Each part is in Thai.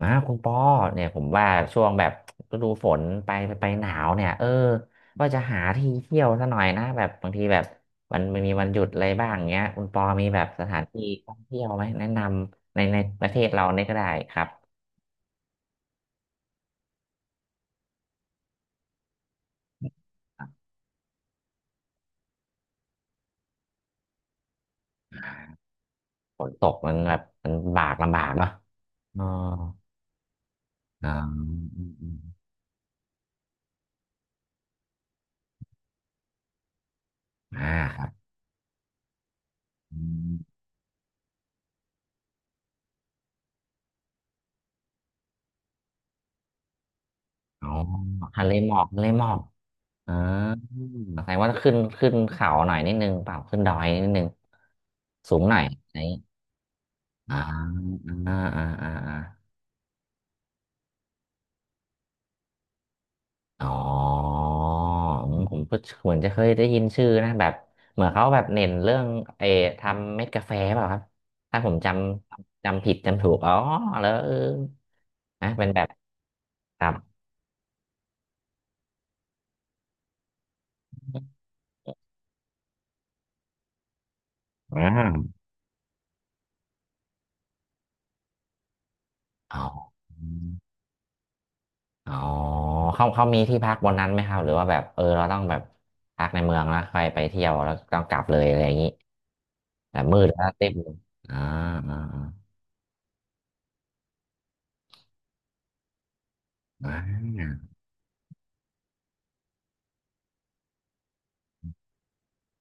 อ่าคุณปอเนี่ยผมว่าช่วงแบบฤดูฝนไปหนาวเนี่ย เออว่าจะหาที่เที่ยวซะหน่อยนะแบบบางทีแบบมันมีวันหยุดอะไรบ้างเงี้ย คุณปอมีแบบสถานที่ท่องเที่ยวไหมแนะนำในประเทศเราเนี่ยก็ได้ครับฝนตกมันแบบมันลำบากลำบากเนาะอ๋ออ๋ออืมอมอืมอ่าครับอมอ๋อทะเลหมอกทะเลหมอก อ่าแสดงว่าขึ้นเขาหน่อยนิดนึงเปล่าขึ้นดอยนิดนึงสูงหน่อยไหนอ่าอ่าอ่าอ่าอาอ๋ออืมผมก็เหมือนจะเคยได้ยินชื่อนะแบบเหมือนเขาแบบเน้นเรื่องเออทำเม็ดกาแฟเปล่าครับถ้าผมจำผิดจำถูกอ๋อแล้วเออนะเป็นแบบครับอ่าอ๋อ อ๋อเขามีที่พักบนนั้นไหมครับหรือว่าแบบเออเราต้องแบบพักในเมืองแล้วค่อยไปเที่ยวแล้วต้องกลับเลยอะไรอย่างนี้แบบมืดแล้วเต็มอ่าอ่าอ่า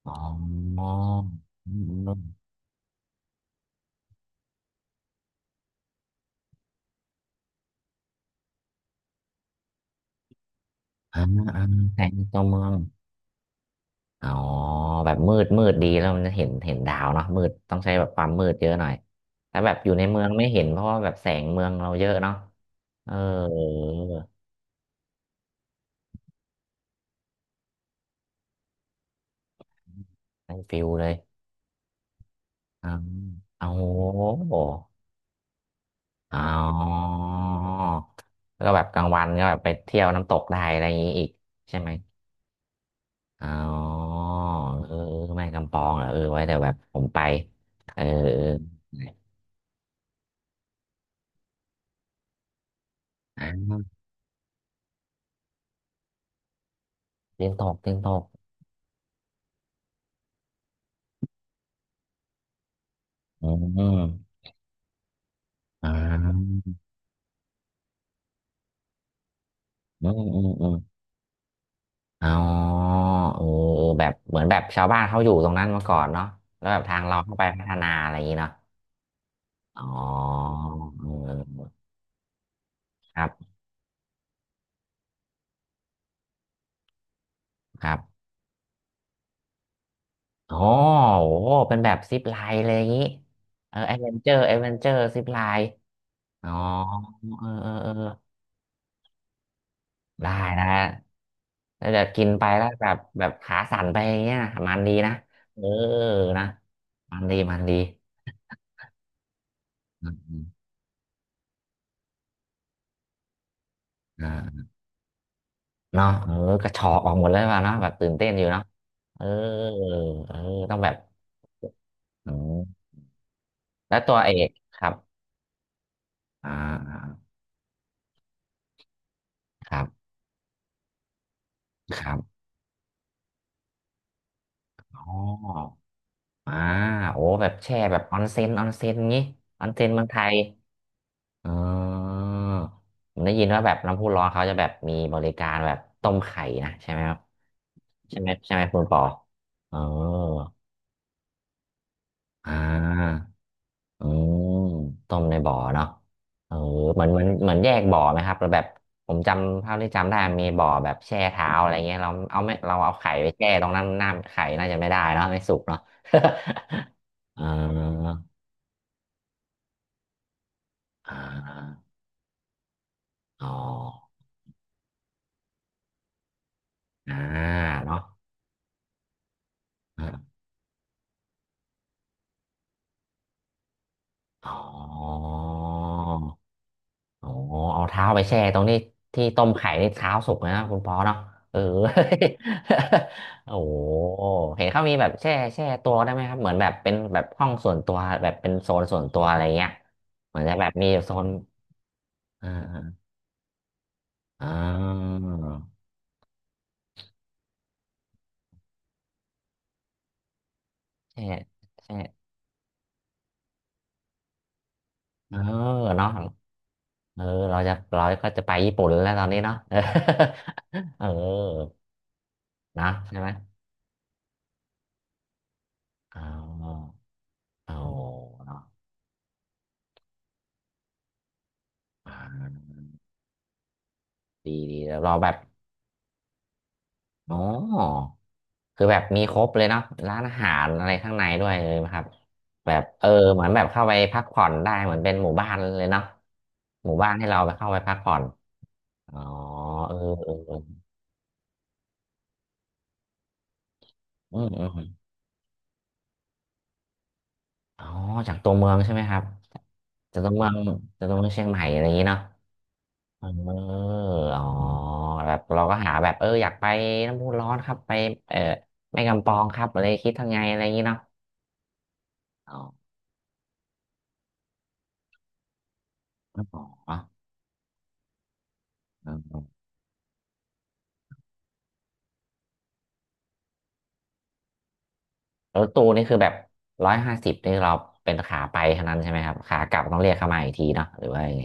อ๋อออืมอืมอ่าอ่าแต่ในตัวเมืองอ๋อแบบมืดมืดดีแล้วมันจะเห็นดาวเนาะมืดต้องใช้แบบความมืดเยอะหน่อยแต่แบบอยู่ในเมืองไม่เห็นเพราะว่าแบบแสงเมืองเราเยอะเนาะเออได้ฟิลเลยอ่าโอ้โห อ๋อแล้วก็แบบกลางวันก็แบบไปเที่ยวน้ำตกได้อะไรอย่างนี้อีกใช่ไหมอ๋อเออแม่กำปองเหรอเออไว้เดี๋ยวแบบผมไปเอออ่าเตียนตกเตียนตกอืมอ่าอืมอืมอืมอ๋อเออเออแบบเหมือนแบบชาวบ้านเขาอยู่ตรงนั้นมาก่อนเนาะแล้วแบบทางเราเข้าไปพัฒนาอะไรอย่างนี้เนาะอ๋อเออครับครับ อ๋อโอ้ เป็นแบบซิปไลน์เลยอย่างงี้ เออแอดเวนเจอร์แอดเวนเจอร์ซิปไลน์อ๋อเออเออเออ ได้นะแล้วจะกินไปแล้วแบบแบบขาสั่นไปอย่างเงี้ยมันดีนะ เออนะ มันดี มันดีอืมอืมอ่าเนาะเออกระชอกออกหมดเลยว่ะเนาะแบบตื่นเต้นอยู่เนาะเออเออต้องแบบ อืม แล้วตัวเอก ครับ อ่าครับครับอ๋อ อ่าโอ้แบบแช่แบบออนเซ็นออนเซ็นงี้ออนเซ็นเมืองไทยอ๋อผมได้ยินว่าแบบน้ำพุร้อนเขาจะแบบมีบริการแบบต้มไข่นะใช่ไหมครับใช่ไหมใช่ไหมคุณปอเอออ่าอืมต้มในบ่อเนาะเออเหมือนแยกบ่อไหมครับแล้วแบบผมจำเท่าที่จำได้มีบ่อแบบแช่เท้าอะไรเงี้ยเราเอาไม่เราเอาไข่ไปแช่ตรงนั้นน้ำไข่น่าจะไม่ได้เนาะไม่สุกเนาะ อ่าอ่า อ๋ออ่าเนาะอ่าอ๋อโอ้เอาเท้าไปแช่ตรงนี้ที่ต้มไข่นี่เท้าสุกเลยนะคุณปอเนาะเออ โอ้โหเห็นเขามีแบบแช่ตัวได้ไหมครับเหมือนแบบเป็นแบบห้องส่วนตัวแบบเป็นโซนส่วนตัวอะไรเงี้ยเหมือนจะแบบมีโซนอ่าอ่าแช่แช่เออเนาะเออเราจะเราก็จะไปญี่ปุ่นแล้วตอนนี้เนาะ เออ เออนะใช่ไหม อ๋ออ๋อเนาะอ่าดีดีแล้วเราแบบอ๋อคือแบบมีครบเลยเนาะร้านอาหารอะไรข้างในด้วยเลยไหมครับแบบเออเหมือนแบบเข้าไปพักผ่อนได้เหมือนเป็นหมู่บ้านเลยเนาะหมู่บ้านให้เราไปเข้าไปพักผ่อนอ๋อเออเออเอออืมอืมอมอ๋อจากตัวเมืองใช่ไหมครับจากตัวเมืองจากตัวเมืองเชียงใหม่อะไรอย่างนี้เนาะ เอออ๋อแบบเราก็หาแบบเอออยากไปน้ำพุร้อนครับไปเออแม่กำปองครับอะไรคิดทางไงอะไรอย่างนี้เนาะอ๋ออ๋อเออรถตู้นี่คือแบบร้อยห้าสิบนี่เราเป็นขาไปเท่านั้นใช่ไหมครับขากลับต้องเรียกเข้ามาอีกทีเนาะหรือว่ายังไง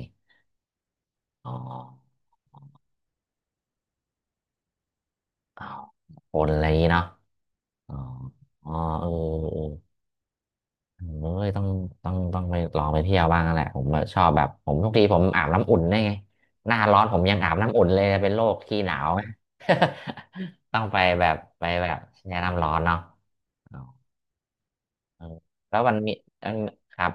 อ๋ออ๋อคนอะไรอย่างนี้เนาะอ๋ออ๋อเออ โอ้ยต้องต้องไปลองไปเที่ยวบ้างนั่นแหละผมแบบชอบแบบผมทุกทีผมอาบน้ำอุ่นได้ไงหน้าร้อนผมยังอาบน้ำอุ่นเลยเป็นโรคขี้หนาวไห ต้องไปแบบไปแบบแช่น้ำร้อนเนาะอ๋อเออแล้ววันนี้เอิ่มครับ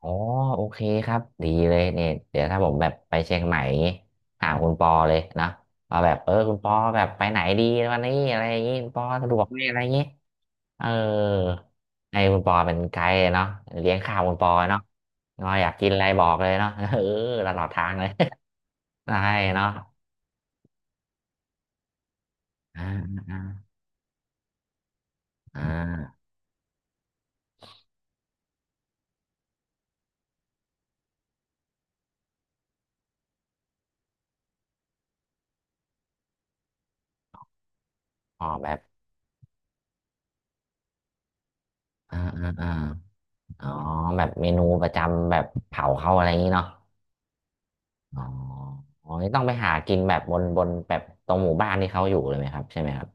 อ๋อโอเคครับดีเลยเนี่ยเดี๋ยวถ้าผมแบบไปเชียงใหม่อย่างงี้ถามคุณปอเลยนะว่าแบบเออคุณปอแบบไปไหนดีวันนี้อะไรอย่างงี้คุณปอสะดวกไหมอะไรอย่างงี้ เออให้คุณปอเป็นไกด์เนาะเลี้ยงข้าวคุณปอเนาะเราอยากกินอะไรบอกเลยเนาะ เออตลอดทางเลย ได้เนาะอ่าอ่าอ่าออกแบบอ่าอ่าอ่าอ๋อแบบเมนูประจำแบบเผาเขาอะไรอย่างนี้เนาะอ๋ออ๋อนี่ต้องไปหากินแบบบนแบบตรงหมู่บ้านที่เขาอยู่เลยไหมครับใช่ไหมครับ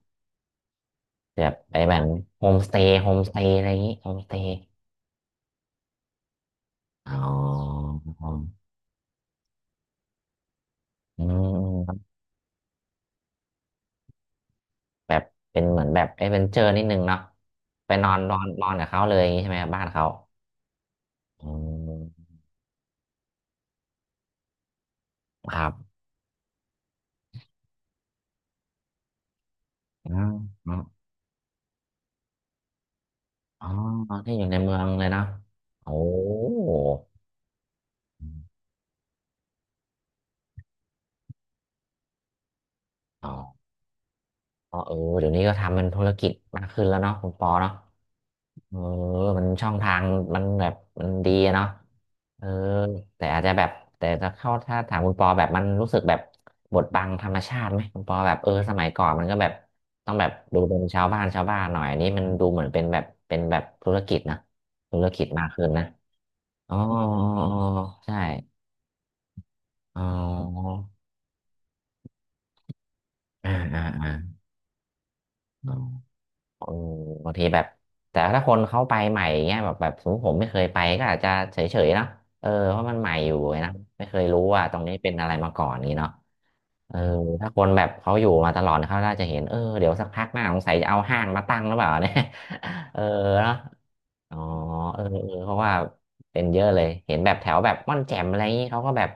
แบบไปแบบโฮมสเตย์อะไรอย่างนี้โฮมสเตย์อ๋ออืม แบบเป็นเหมือนแบบเอดเวนเจอร์นิดนึงเนาะไปนอนนอนนอนกับเขาเลยอย่างนี้ใช่ไหมครับบ้านเขาอืมครับอ๋ออ๋อที่อยู่ในเมืองเลยเนาะโอ้โหอ๋ออ๋อเออเดี๋ยวนี้ก็ทำเป็นธุรกิจมากขึ้นแล้วเนาะคุณปอเนาะ เออมันช่องทางมันแบบมันดีอะเนาะเออแต่อาจจะแบบแต่ถ้าเข้าถ้าถามคุณปอแบบมันรู้สึกแบบบดบังธรรมชาติไหมคุณปอแบบเออสมัยก่อนมันก็แบบต้องแบบดูเป็นชาวบ้านชาวบ้านหน่อยอันนี้มันดูเหมือนเป็นแบบธุรกิจนะธุรกิจมากขึ้นนะอ๋ออ๋ออ๋อใช่อ๋ออ่าอ่าอ่า เออบางทีแบบแต่ถ้าคนเขาไปใหม่เงี้ยแบบสมมติผมไม่เคยไปก็อาจจะเฉยๆเนาะเออเพราะมันใหม่อยู่ไงนะไม่เคยรู้ว่าตรงนี้เป็นอะไรมาก่อนนี้เนาะเออถ้าคนแบบเขาอยู่มาตลอดเขาน่าจะเห็นเออเดี๋ยวสักพักหน้าสงสัยจะเอาห้างมาตั้งหรือเปล่าเนี่ย เออเนาะ อ๋อเออเออเพราะว่าเป็นเยอะเลยเห็นแบบแถวแบบม่อนแจ่มอะไรอย่างนี้เขาก็แบบ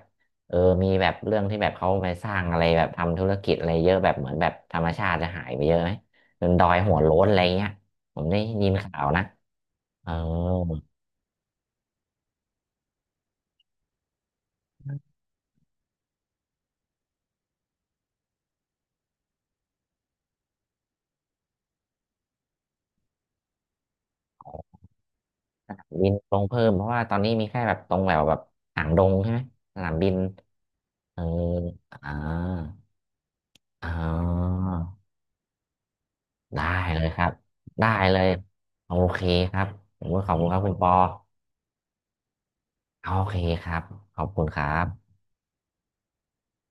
เออมีแบบเรื่องที่แบบเขาไปสร้างอะไรแบบทำธุรกิจอะไรเยอะแบบเหมือนแบบธรรมชาติจะหายไปเยอะไหมจนดอยหัวโล้นอะไรเงี้ยผมได้ยินข่าวนะเออบินลงเพิ่มเพราะว่าตอนนี้มีแค่แบบตรงแบบหางดงใช่ไหมสนามบินเอออ่าอ๋อได้เลยครับได้เลยโอเคครับผมขอบคุณครับคุณปอ โอเคครับ ขอบคุณครับ